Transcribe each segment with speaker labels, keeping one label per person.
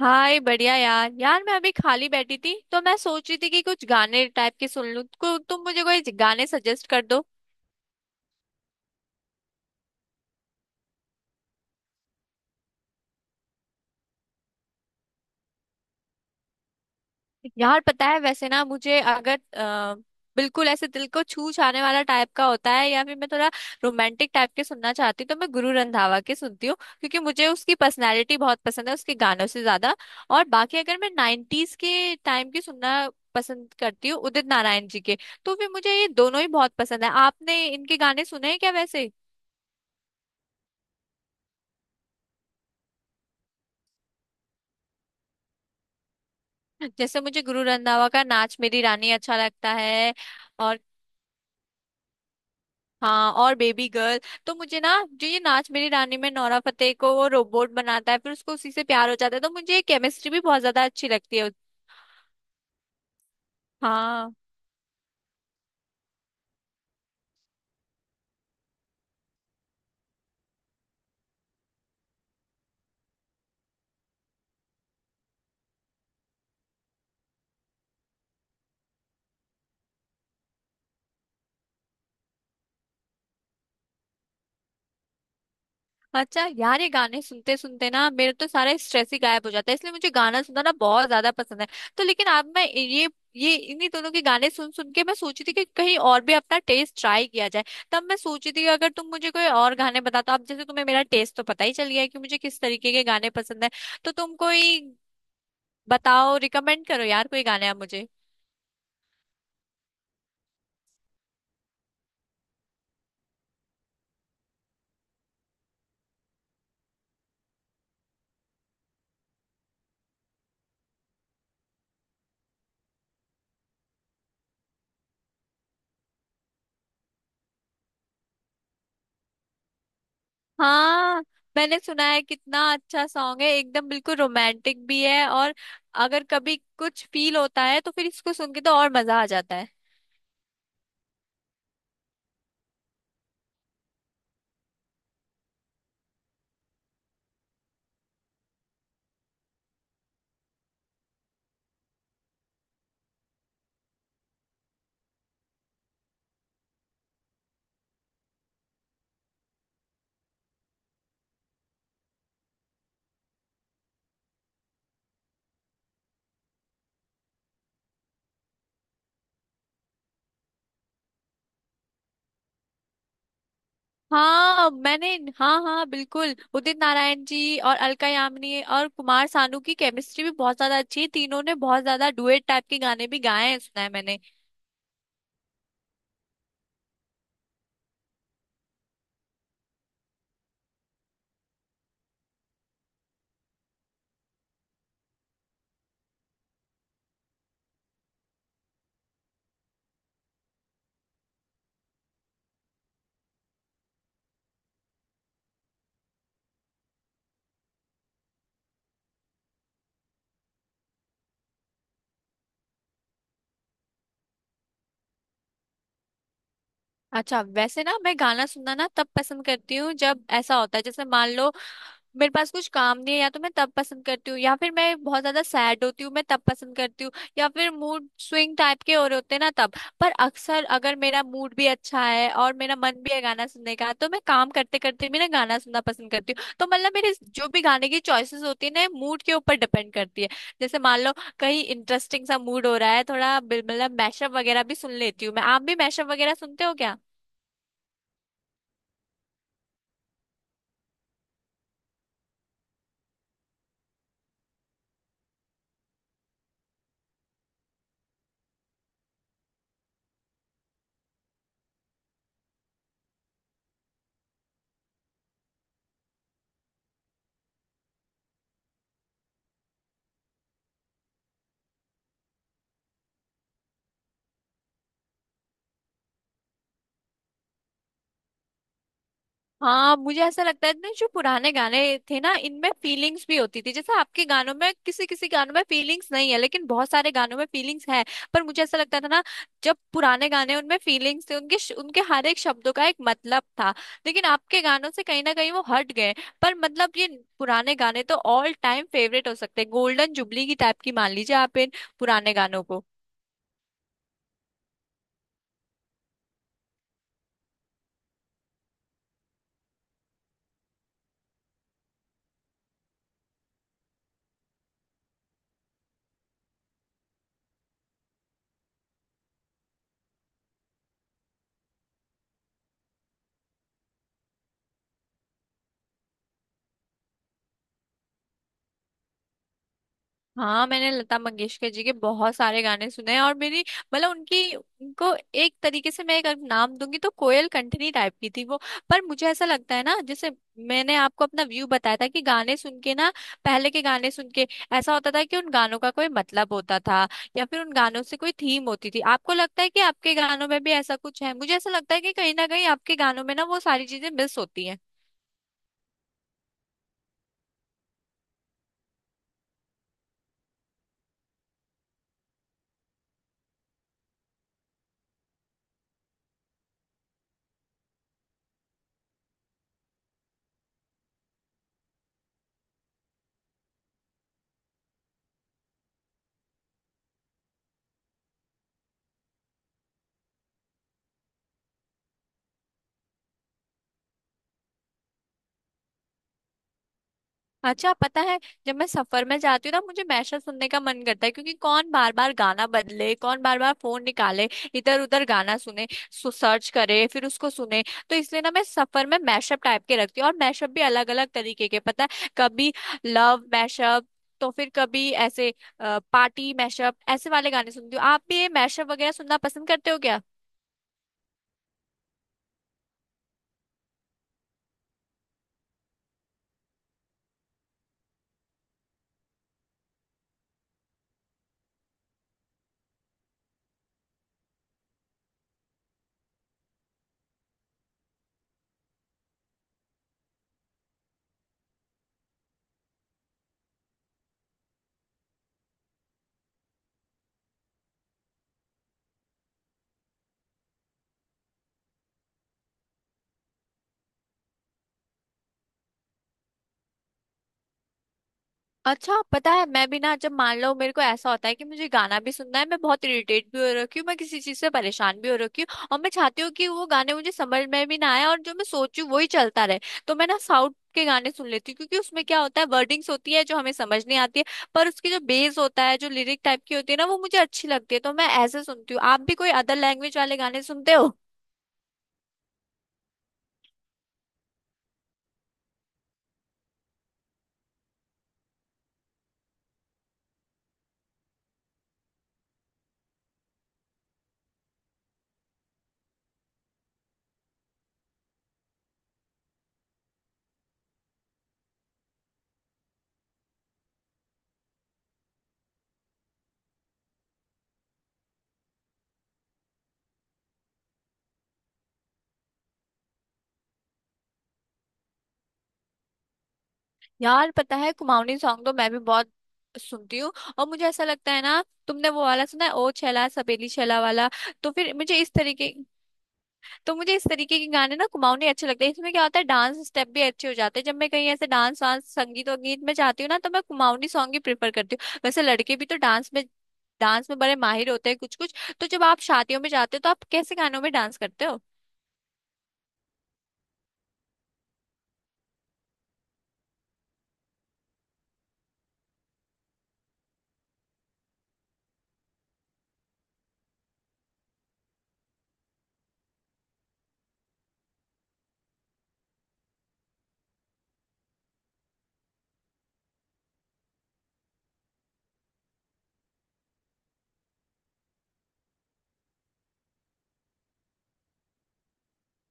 Speaker 1: हाय बढ़िया यार यार मैं अभी खाली बैठी थी, तो मैं सोच रही थी कि कुछ गाने टाइप के सुन लूं को, तुम मुझे कोई गाने सजेस्ट कर दो। यार पता है वैसे ना मुझे अगर बिल्कुल ऐसे दिल को छू छाने वाला टाइप का होता है, या फिर मैं थोड़ा रोमांटिक टाइप के सुनना चाहती हूँ, तो मैं गुरु रंधावा के सुनती हूँ, क्योंकि मुझे उसकी पर्सनैलिटी बहुत पसंद है उसके गानों से ज्यादा। और बाकी अगर मैं नाइन्टीज के टाइम की सुनना पसंद करती हूँ, उदित नारायण जी के, तो फिर मुझे ये दोनों ही बहुत पसंद है। आपने इनके गाने सुने हैं क्या वैसे? जैसे मुझे गुरु रंधावा का नाच मेरी रानी अच्छा लगता है। और हाँ, और बेबी गर्ल। तो मुझे ना, जो ये नाच मेरी रानी में नोरा फतेही को वो रोबोट बनाता है, फिर उसको उसी से प्यार हो जाता है, तो मुझे केमिस्ट्री भी बहुत ज्यादा अच्छी लगती है उस-। हाँ। अच्छा यार, ये गाने सुनते सुनते ना मेरे तो सारा स्ट्रेस ही गायब हो जाता है, इसलिए मुझे गाना सुनना ना बहुत ज्यादा पसंद है। तो लेकिन अब मैं ये इन्हीं दोनों के गाने सुन सुन के मैं सोची थी कि कहीं और भी अपना टेस्ट ट्राई किया जाए। तब मैं सोची थी कि अगर तुम मुझे कोई और गाने बता, तो अब जैसे तुम्हें मेरा टेस्ट तो पता ही चल गया है कि मुझे किस तरीके के गाने पसंद है। तो तुम कोई बताओ, रिकमेंड करो यार कोई गाने आप मुझे। हाँ मैंने सुना है, कितना अच्छा सॉन्ग है, एकदम बिल्कुल रोमांटिक भी है, और अगर कभी कुछ फील होता है तो फिर इसको सुन के तो और मजा आ जाता है। हाँ मैंने, हाँ हाँ बिल्कुल, उदित नारायण जी और अलका यामिनी और कुमार सानू की केमिस्ट्री भी बहुत ज्यादा अच्छी है। तीनों ने बहुत ज्यादा डुएट टाइप के गाने भी गाए हैं, सुना है मैंने। अच्छा वैसे ना, मैं गाना सुनना ना तब पसंद करती हूँ जब ऐसा होता है, जैसे मान लो मेरे पास कुछ काम नहीं है, या तो मैं तब पसंद करती हूँ, या फिर मैं बहुत ज्यादा सैड होती हूँ मैं तब पसंद करती हूँ, या फिर मूड स्विंग टाइप के हो रहे होते हैं ना तब। पर अक्सर अगर मेरा मूड भी अच्छा है और मेरा मन भी है गाना सुनने का, तो मैं काम करते करते भी ना गाना सुनना पसंद करती हूँ। तो मतलब मेरे जो भी गाने की चॉइसेस होती है ना, मूड के ऊपर डिपेंड करती है। जैसे मान लो कहीं इंटरेस्टिंग सा मूड हो रहा है, थोड़ा मतलब मैशअप वगैरह भी सुन लेती हूँ मैं। आप भी मैशअप वगैरह सुनते हो क्या? हाँ मुझे ऐसा लगता है ना, जो पुराने गाने थे ना, इनमें फीलिंग्स भी होती थी। जैसे आपके गानों में किसी किसी गानों में फीलिंग्स नहीं है, लेकिन बहुत सारे गानों में फीलिंग्स है। पर मुझे ऐसा लगता था ना, जब पुराने गाने, उनमें फीलिंग्स थे, उनके हर एक शब्दों का एक मतलब था। लेकिन आपके गानों से कहीं ना कहीं वो हट गए। पर मतलब ये पुराने गाने तो ऑल टाइम फेवरेट हो सकते हैं, गोल्डन जुबली की टाइप की मान लीजिए आप इन पुराने गानों को। हाँ मैंने लता मंगेशकर जी के बहुत सारे गाने सुने हैं, और मेरी मतलब उनकी, उनको एक तरीके से मैं एक अगर नाम दूंगी, तो कोयल कंठनी टाइप की थी वो। पर मुझे ऐसा लगता है ना, जैसे मैंने आपको अपना व्यू बताया था कि गाने सुन के ना, पहले के गाने सुन के, ऐसा होता था कि उन गानों का कोई मतलब होता था, या फिर उन गानों से कोई थीम होती थी। आपको लगता है कि आपके गानों में भी ऐसा कुछ है? मुझे ऐसा लगता है कि कहीं ना कहीं आपके गानों में ना वो सारी चीजें मिस होती हैं। अच्छा पता है, जब मैं सफर में जाती हूँ ना मुझे मैशअप सुनने का मन करता है, क्योंकि कौन बार बार गाना बदले, कौन बार बार फोन निकाले, इधर उधर गाना सुने, सु सर्च करे फिर उसको सुने। तो इसलिए ना मैं सफर में मैशअप टाइप के रखती हूँ, और मैशअप भी अलग अलग तरीके के पता है, कभी लव मैशअप, तो फिर कभी ऐसे पार्टी मैशअप, ऐसे वाले गाने सुनती हूँ। आप भी ये मैशअप वगैरह सुनना पसंद करते हो क्या? अच्छा पता है, मैं भी ना जब मान लो मेरे को ऐसा होता है कि मुझे गाना भी सुनना है, मैं बहुत इरिटेट भी हो रखी हूँ, मैं किसी चीज से परेशान भी हो रखी हूँ, और मैं चाहती हूँ कि वो गाने मुझे समझ में भी ना आए और जो मैं सोचूं वही चलता रहे, तो मैं ना साउथ के गाने सुन लेती हूँ, क्योंकि उसमें क्या होता है वर्डिंग्स होती है जो हमें समझ नहीं आती है। पर उसकी जो बेस होता है, जो लिरिक टाइप की होती है ना, वो मुझे अच्छी लगती है, तो मैं ऐसे सुनती हूँ। आप भी कोई अदर लैंग्वेज वाले गाने सुनते हो? यार पता है, कुमाऊनी सॉन्ग तो मैं भी बहुत सुनती हूँ। और मुझे ऐसा लगता है ना, तुमने वो वाला सुना है, ओ छैला सपेली छैला वाला? तो फिर मुझे इस तरीके तो मुझे इस तरीके के गाने ना कुमाऊनी अच्छे लगते हैं। इसमें क्या होता है, डांस स्टेप भी अच्छे हो जाते हैं। जब मैं कहीं ऐसे डांस वांस, संगीत और गीत में जाती हूँ ना, तो मैं कुमाऊनी सॉन्ग ही प्रेफर करती हूँ। वैसे लड़के भी तो डांस में बड़े माहिर होते हैं कुछ कुछ। तो जब आप शादियों में जाते हो, तो आप कैसे गानों में डांस करते हो?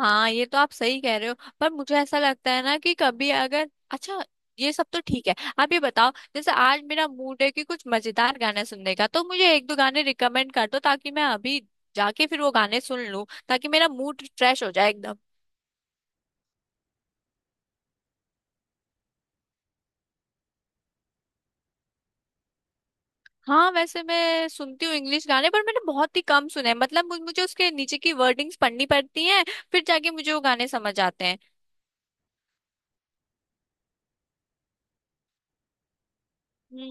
Speaker 1: हाँ ये तो आप सही कह रहे हो। पर मुझे ऐसा लगता है ना कि कभी अगर अच्छा, ये सब तो ठीक है, आप ये बताओ, जैसे आज मेरा मूड है कि कुछ मजेदार गाने सुनने का, तो मुझे 1-2 गाने रिकमेंड कर दो, ताकि मैं अभी जाके फिर वो गाने सुन लूं, ताकि मेरा मूड फ्रेश हो जाए एकदम। हाँ वैसे मैं सुनती हूँ इंग्लिश गाने, पर मैंने बहुत ही कम सुने हैं, मतलब मुझे उसके नीचे की वर्डिंग्स पढ़नी पड़ती हैं, फिर जाके मुझे वो गाने समझ आते हैं।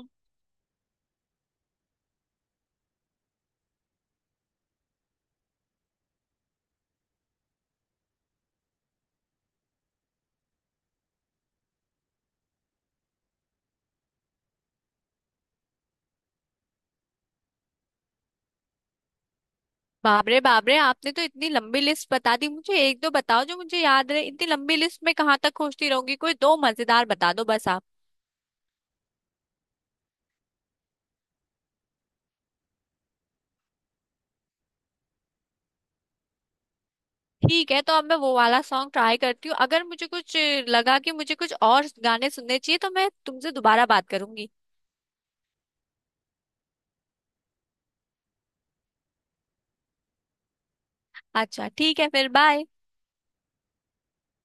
Speaker 1: बाप रे बाप रे, आपने तो इतनी लंबी लिस्ट बता दी। मुझे एक दो बताओ जो मुझे याद रहे, इतनी लंबी लिस्ट में कहाँ तक खोजती रहूंगी, कोई 2 मजेदार बता दो बस आप। ठीक है, तो अब मैं वो वाला सॉन्ग ट्राई करती हूँ। अगर मुझे कुछ लगा कि मुझे कुछ और गाने सुनने चाहिए, तो मैं तुमसे दोबारा बात करूंगी। अच्छा ठीक है, फिर बाय।